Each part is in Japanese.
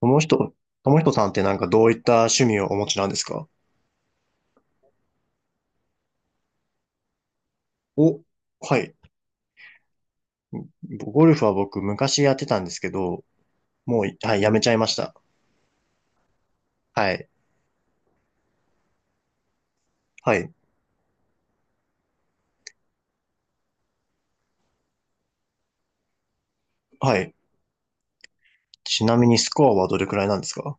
ともひと、ともひとさんってなんかどういった趣味をお持ちなんですか？お、はい。ゴルフは僕昔やってたんですけど、もう、はい、やめちゃいました。はい。はい。はい。ちなみにスコアはどれくらいなんですか？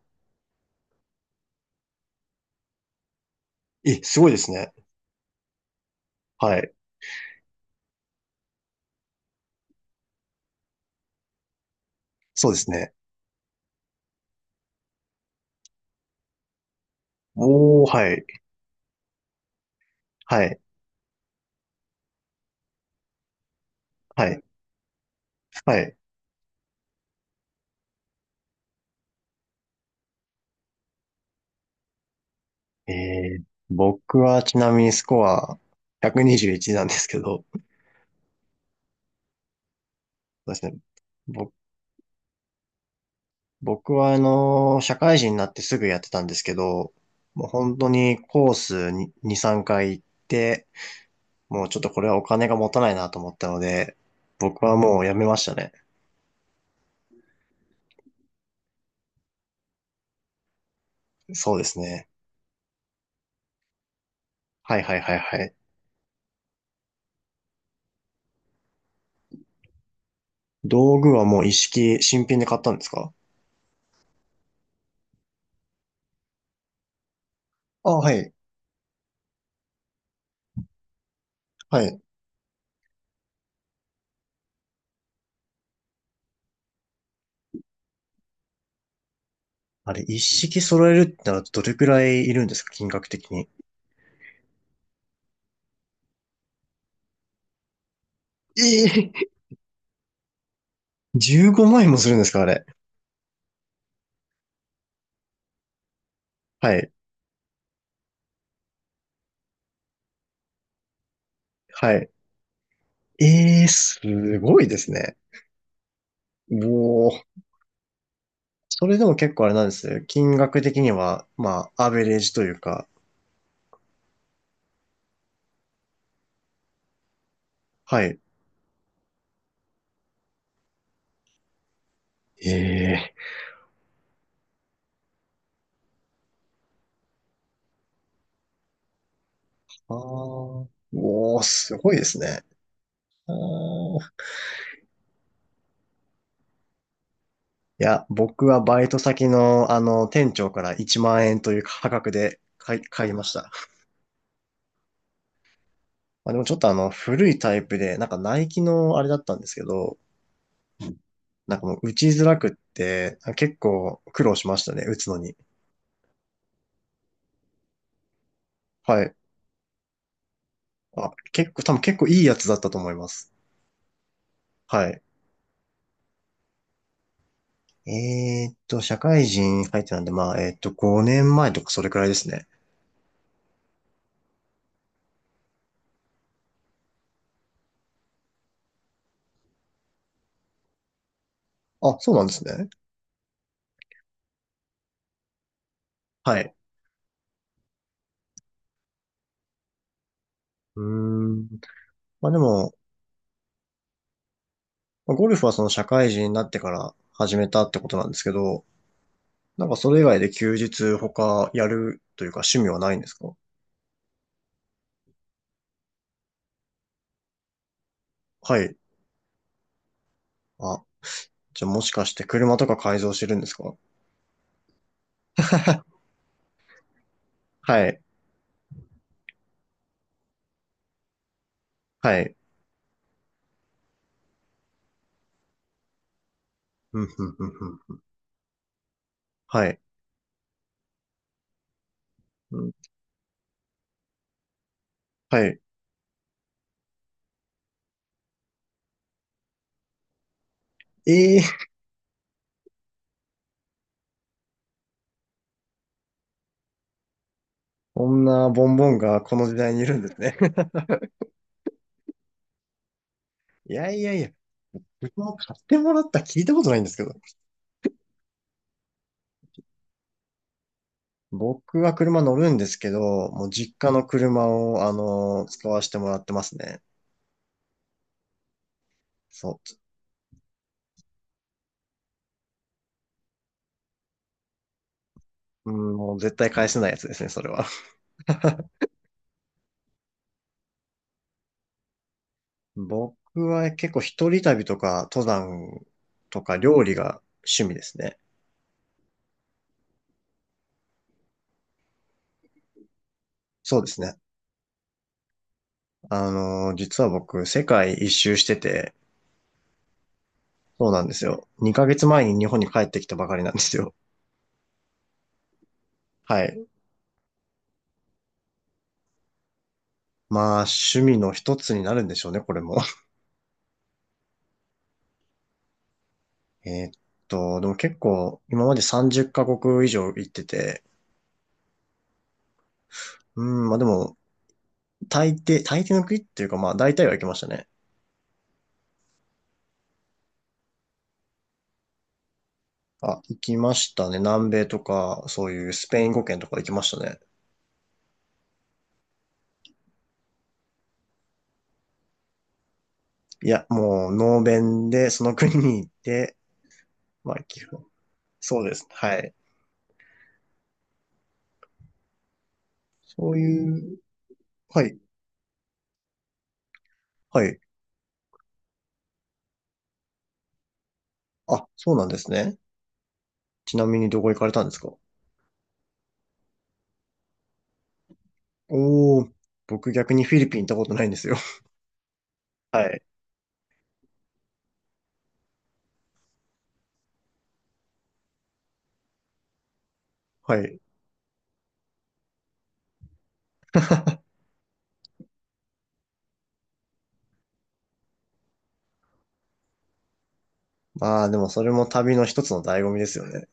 え、すごいですね。はい。そうですね。おー、はい。はい。はい。はい。えー、僕はちなみにスコア121なんですけど、そうですね。僕は社会人になってすぐやってたんですけど、もう本当にコースに2、3回行って、もうちょっとこれはお金が持たないなと思ったので、僕はもうやめましたね。そうですね。はいはいはいはい。道具はもう一式新品で買ったんですか？あ、はい。はい。あれ、一式揃えるってならどれくらいいるんですか、金額的に。ええ、15万円もするんですかあれ。はい。はい。ええ、すごいですね。おー。それでも結構あれなんですよ。金額的には、まあ、アベレージというか、はい。ええ。あー、おー、すごいですね。あー、いや、僕はバイト先の、店長から1万円という価格で買いました。まあ、でもちょっと古いタイプで、なんかナイキのあれだったんですけど、なんかもう打ちづらくって、結構苦労しましたね、打つのに。はい。あ、結構、多分結構いいやつだったと思います。はい。社会人入ってたんで、まあ、5年前とかそれくらいですね。あ、そうなんですね。はい。うーん。まあでも、ゴルフはその社会人になってから始めたってことなんですけど、なんかそれ以外で休日他やるというか趣味はないんですか？はい。あ、じゃあもしかして車とか改造してるんですか？ はい。はい。うん、うん、うん、うん。はい。うん、はい。ええー、こんなボンボンがこの時代にいるんですね。いやいやいや。自も買ってもらった聞いたことないんですけど。僕は車乗るんですけど、もう実家の車を、使わせてもらってますね。そう。うん、もう絶対返せないやつですね、それは。僕は結構一人旅とか、登山とか料理が趣味ですね。そうですね。実は僕、世界一周してて、そうなんですよ。2ヶ月前に日本に帰ってきたばかりなんですよ。はい。まあ、趣味の一つになるんでしょうね、これも。えーっでも結構、今まで30カ国以上行ってて、うん、まあでも、大抵の国っていうか、まあ大体は行きましたね。あ、行きましたね。南米とか、そういうスペイン語圏とか行きましたね。いや、もう、ノーベンで、その国に行って、まあ、基本。そうです。はい。そういう、はい、はい。あ、そうなんですね。ちなみにどこ行かれたんですか？おー、僕逆にフィリピン行ったことないんですよ。はい、はい。まあ、でもそれも旅の一つの醍醐味ですよね。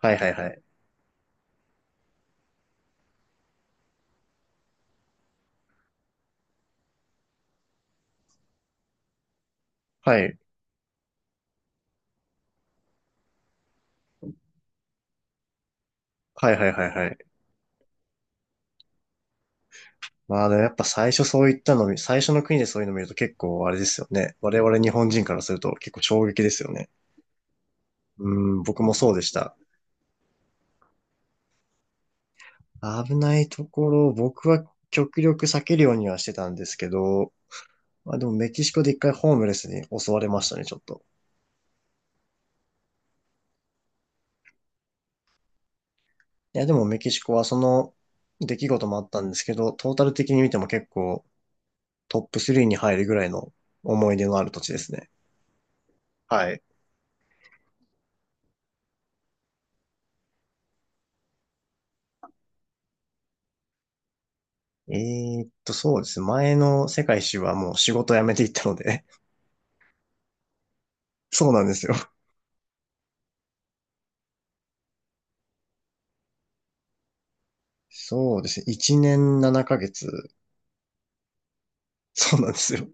はいはいはい。はい。はいはいはいはい。まあでもやっぱ最初の国でそういうの見ると結構あれですよね。我々日本人からすると結構衝撃ですよね。うん、僕もそうでした。危ないところ、僕は極力避けるようにはしてたんですけど、まあでもメキシコで一回ホームレスに襲われましたね、ちょっと。いやでもメキシコはその出来事もあったんですけど、トータル的に見ても結構トップ3に入るぐらいの思い出のある土地ですね。はい。そうですね。前の世界一周はもう仕事辞めていったので。そうなんですよ。そうですね。1年7ヶ月。そうなんですよ。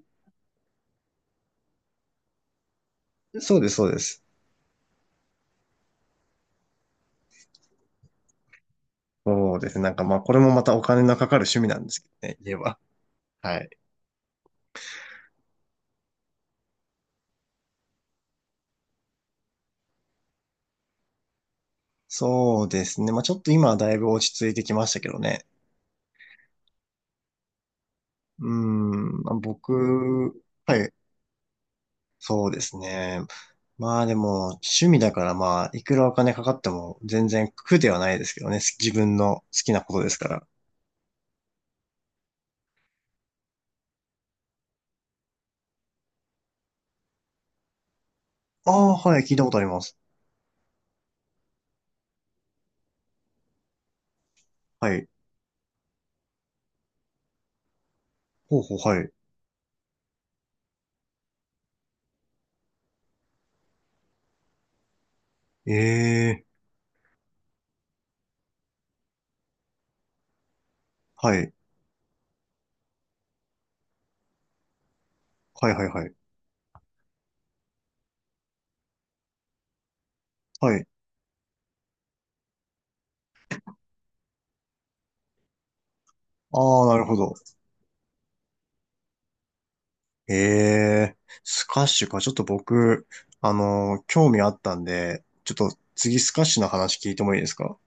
そうです、そうです。そうですね。なんかまあ、これもまたお金のかかる趣味なんですけどね、家は。はい。そうですね。まあ、ちょっと今はだいぶ落ち着いてきましたけどね。うーん、まあ僕、はい。そうですね。まあでも、趣味だからまあ、いくらお金かかっても全然苦ではないですけどね。自分の好きなことですから。ああ、はい、聞いたことあります。はい。ほうほう、はい。ええ、はい。はい、はい、はい。はい。ああ、なるほど。ええ、スカッシュか。ちょっと僕、興味あったんで、ちょっと次スカッシュの話聞いてもいいですか？